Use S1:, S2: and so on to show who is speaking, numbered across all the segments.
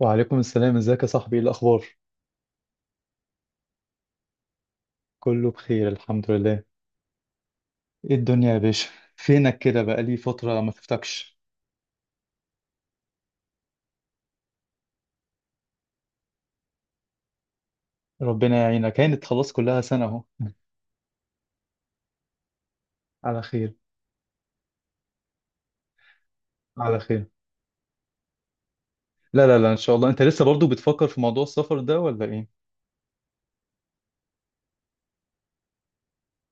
S1: وعليكم السلام، ازيك يا صاحبي؟ ايه الاخبار؟ كله بخير الحمد لله. ايه الدنيا يا باشا؟ فينك كده؟ بقالي فترة ما شفتكش. ربنا يعينك، كانت خلاص كلها سنة اهو. على خير. على خير. لا لا لا، ان شاء الله. انت لسه برضو بتفكر في موضوع السفر ده ولا ايه؟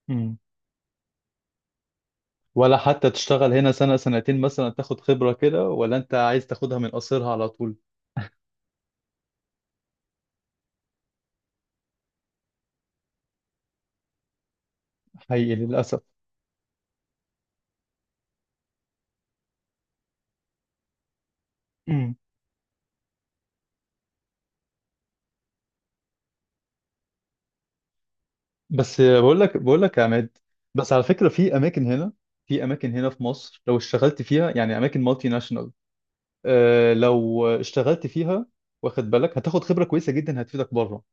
S1: مم. ولا حتى تشتغل هنا سنة سنتين مثلا، تاخد خبرة كده، ولا انت عايز تاخدها من قصرها على طول؟ حقيقي للاسف. مم. بس بقول لك يا عماد. بس على فكرة، في اماكن هنا في مصر، لو اشتغلت فيها يعني اماكن مالتي ناشونال، لو اشتغلت فيها، واخد بالك، هتاخد خبرة كويسة جدا هتفيدك بره.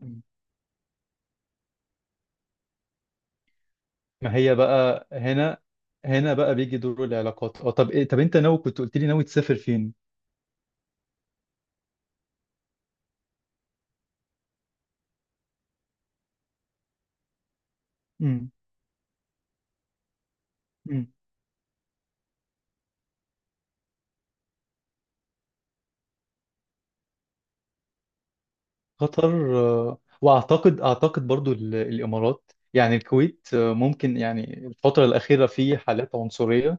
S1: مم. ما هي بقى هنا، بقى بيجي دور العلاقات. اه طب إيه، طب انت ناوي؟ كنت قلت لي ناوي تسافر فين؟ مم. مم. قطر. واعتقد برضو ال- الامارات، يعني الكويت ممكن، يعني الفترة الأخيرة في حالات عنصرية.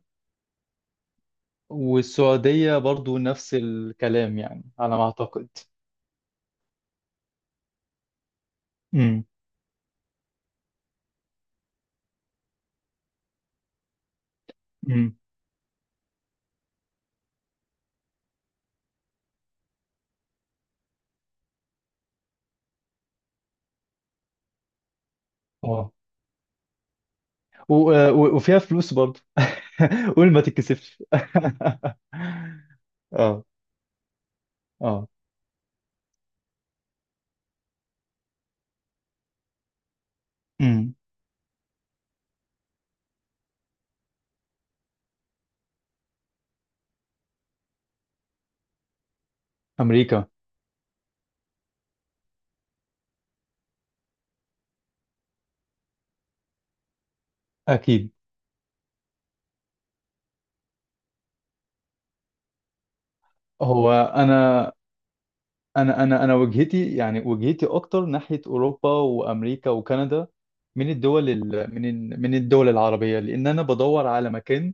S1: والسعودية برضو نفس الكلام، يعني على ما أعتقد. مم. مم. اه. و... وفيها فلوس برضه. قول، ما تتكسفش. اه. اه. امم امريكا. اكيد. هو انا وجهتي، يعني وجهتي اكتر ناحيه اوروبا وامريكا وكندا، من الدول ال... من ال... من الدول العربيه، لان انا بدور على مكان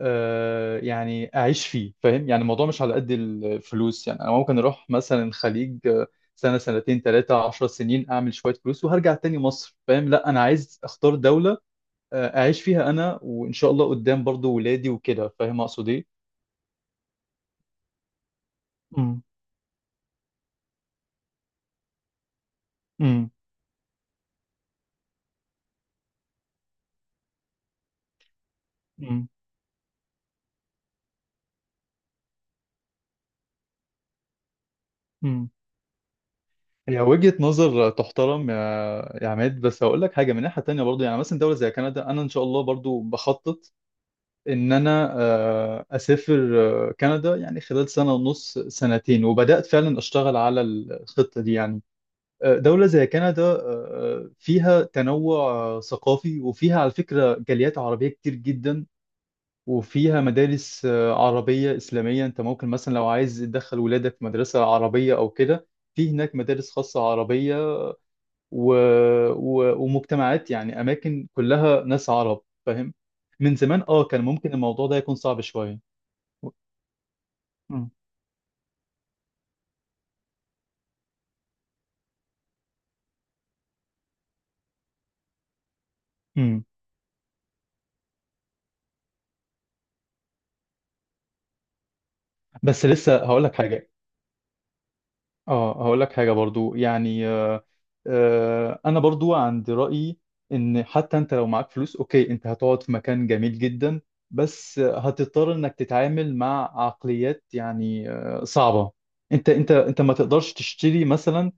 S1: يعني اعيش فيه، فاهم؟ يعني الموضوع مش على قد الفلوس، يعني انا ممكن اروح مثلا الخليج سنه سنتين 13 سنين، اعمل شويه فلوس وهرجع تاني مصر، فاهم؟ لا انا عايز اختار دوله اعيش فيها انا، وان شاء الله قدام برضو ولادي وكده، فاهم اقصد ايه؟ امم. امم. امم. امم. هي وجهة نظر تحترم يا عماد، بس هقول لك حاجة من ناحية تانية برضو. يعني مثلا دولة زي كندا، أنا إن شاء الله برضو بخطط ان انا اسافر كندا، يعني خلال سنه ونص سنتين، وبدات فعلا اشتغل على الخطه دي يعني. دوله زي كندا فيها تنوع ثقافي، وفيها على فكره جاليات عربيه كتير جدا. وفيها مدارس عربيه اسلاميه، انت ممكن مثلا لو عايز تدخل ولادك في مدرسه عربيه او كده، في هناك مدارس خاصه عربيه و... ومجتمعات، يعني اماكن كلها ناس عرب، فاهم؟ من زمان اه كان ممكن الموضوع ده يكون صعب شويه. مم. مم. بس لسه هقول لك حاجه برضو يعني. انا برضو عند رايي ان حتى انت لو معاك فلوس، اوكي، انت هتقعد في مكان جميل جدا، بس هتضطر انك تتعامل مع عقليات يعني صعبه. انت ما تقدرش تشتري مثلا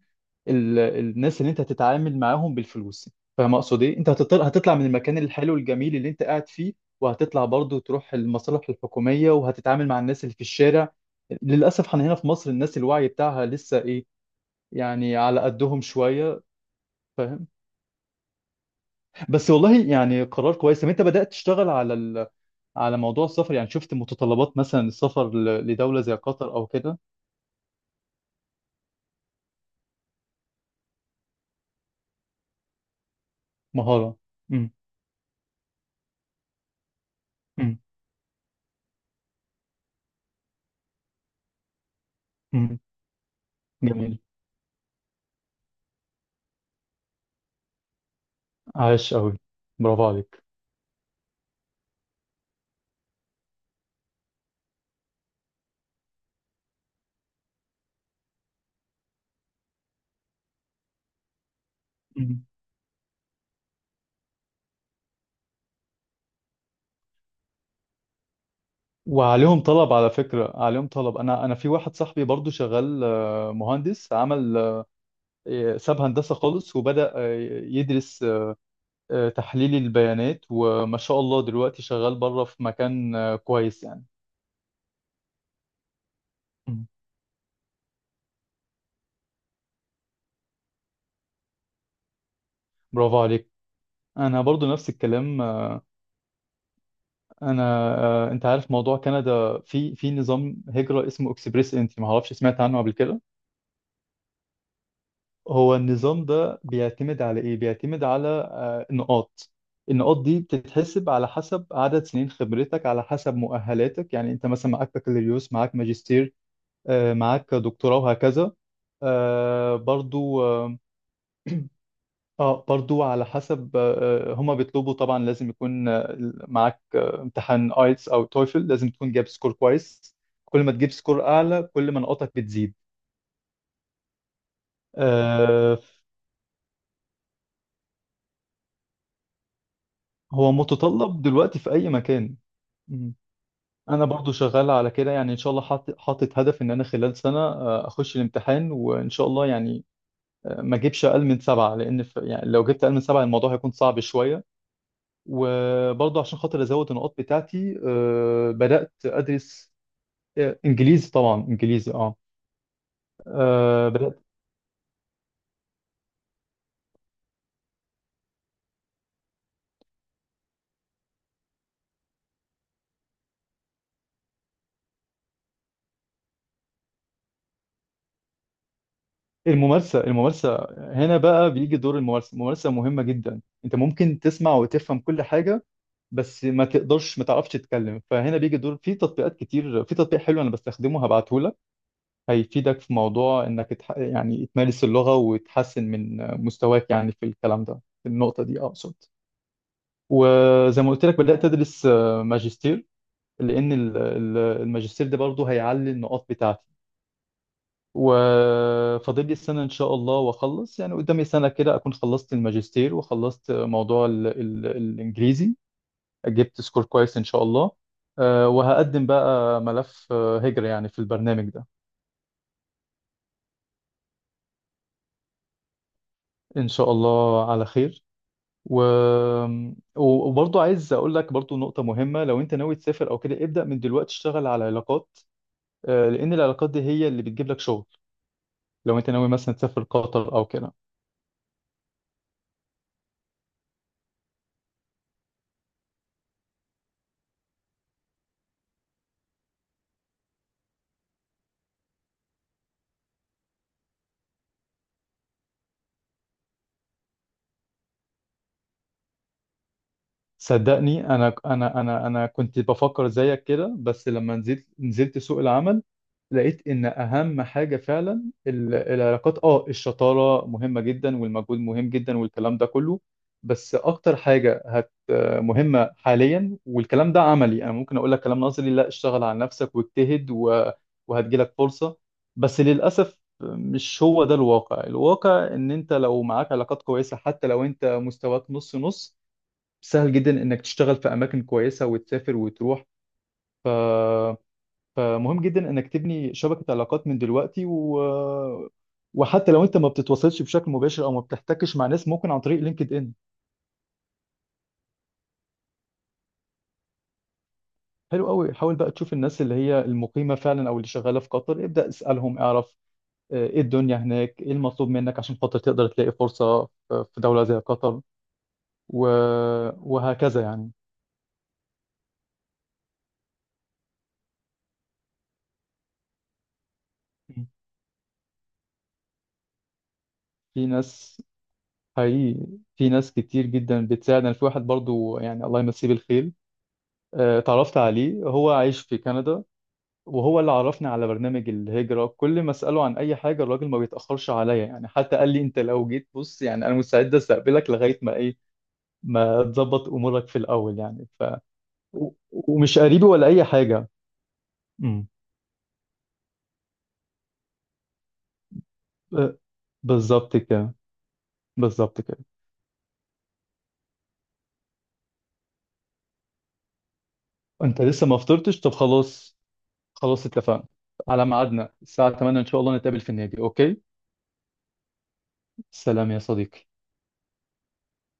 S1: ال- الناس اللي انت هتتعامل معاهم بالفلوس، فاهم اقصد ايه؟ انت هتطلع من المكان الحلو الجميل اللي انت قاعد فيه، وهتطلع برضه تروح المصالح الحكوميه، وهتتعامل مع الناس اللي في الشارع. للاسف احنا هنا في مصر الناس الوعي بتاعها لسه ايه، يعني على قدهم شويه، فاهم؟ بس والله يعني قرار كويس. طب انت بدات تشتغل على على موضوع السفر؟ يعني شفت متطلبات مثلا السفر لدوله زي قطر او كده؟ مهاره. امم. امم. امم. جميل. عاش قوي. برافو عليك. وعليهم طلب، على فكرة عليهم طلب. أنا في واحد صاحبي برضو شغال مهندس، عمل ساب هندسة خالص، وبدأ يدرس تحليل البيانات، وما شاء الله دلوقتي شغال بره في مكان كويس يعني. مم. برافو عليك. أنا برضو نفس الكلام أنا. أنت عارف موضوع كندا، في نظام هجرة اسمه اكسبريس انتري، ما أعرفش، سمعت عنه قبل كده؟ هو النظام ده بيعتمد على ايه؟ بيعتمد على نقاط. النقاط دي بتتحسب على حسب عدد سنين خبرتك، على حسب مؤهلاتك، يعني انت مثلا معاك بكالوريوس، معاك ماجستير معاك دكتوراه، وهكذا. آه، برضو اه برضو على حسب هما بيطلبوا طبعا لازم يكون معاك امتحان ايتس او تويفل، لازم تكون جايب سكور كويس. كل ما تجيب سكور اعلى كل ما نقاطك بتزيد. آه، هو متطلب دلوقتي في اي مكان. انا برضو شغال على كده، يعني ان شاء الله حاطط هدف ان انا خلال سنه اخش الامتحان، وان شاء الله يعني ما اجيبش اقل من 7، لان يعني لو جبت اقل من 7 الموضوع هيكون صعب شويه. وبرضو عشان خاطر ازود النقاط بتاعتي بدات ادرس انجليزي، طبعا انجليزي. بدات. الممارسه الممارسه، هنا بقى بيجي دور الممارسه. الممارسه مهمه جدا، انت ممكن تسمع وتفهم كل حاجه، بس ما تقدرش، ما تعرفش تتكلم. فهنا بيجي دور، في تطبيقات كتير، في تطبيق حلو انا بستخدمه، هبعته لك، هيفيدك في موضوع انك يعني تمارس اللغة وتحسن من مستواك، يعني في الكلام ده، في النقطة دي اقصد. وزي ما قلت لك بدأت ادرس ماجستير، لان الماجستير ده برضه هيعلي النقاط بتاعتي. وفاضل لي سنة إن شاء الله وأخلص، يعني قدامي سنة كده أكون خلصت الماجستير وخلصت موضوع ال ال الإنجليزي، جبت سكور كويس ان شاء الله. وهقدم بقى ملف هجرة يعني في البرنامج ده، ان شاء الله على خير. و... وبرضه عايز اقول لك برضه نقطة مهمة، لو انت ناوي تسافر او كده ابدأ من دلوقتي، اشتغل على علاقات، لان العلاقات دي هي اللي بتجيب لك شغل. لو انت ناوي مثلا تسافر قطر او كده، صدقني انا، كنت بفكر زيك كده، بس لما نزلت سوق العمل، لقيت ان اهم حاجه فعلا ال- العلاقات. اه الشطاره مهمه جدا، والمجهود مهم جدا، والكلام ده كله، بس اكتر حاجه مهمه حاليا. والكلام ده عملي، انا ممكن اقول لك كلام نظري، لا، اشتغل على نفسك واجتهد وهتجيلك فرصه. بس للاسف مش هو ده الواقع، الواقع ان انت لو معاك علاقات كويسه، حتى لو انت مستواك نص نص، سهل جدا انك تشتغل في اماكن كويسه وتسافر وتروح. ف فمهم جدا انك تبني شبكة علاقات من دلوقتي، وحتى لو انت ما بتتواصلش بشكل مباشر او ما بتحتكش مع ناس، ممكن عن طريق لينكد ان. حلو قوي، حاول بقى تشوف الناس اللي هي المقيمة فعلا او اللي شغالة في قطر، ابدأ اسألهم، اعرف ايه الدنيا هناك، ايه المطلوب منك عشان خاطر تقدر تلاقي فرصة في دولة زي قطر، و... وهكذا يعني. في ناس حقيقي في ناس كتير جدا بتساعد. انا في واحد برضو، يعني الله يمسيه بالخير، اتعرفت عليه، هو عايش في كندا، وهو اللي عرفني على برنامج الهجرة. كل ما أسأله عن أي حاجة الراجل ما بيتأخرش عليا، يعني حتى قال لي أنت لو جيت بص، يعني أنا مستعد أستقبلك لغاية ما إيه، ما تظبط أمورك في الأول يعني. ومش قريبي ولا أي حاجة. امم. ب- بالظبط كده، بالظبط كده. أنت لسه ما فطرتش؟ طب خلاص. خلاص اتفقنا على ميعادنا الساعة 8 إن شاء الله، نتقابل في النادي. أوكي، سلام يا صديقي.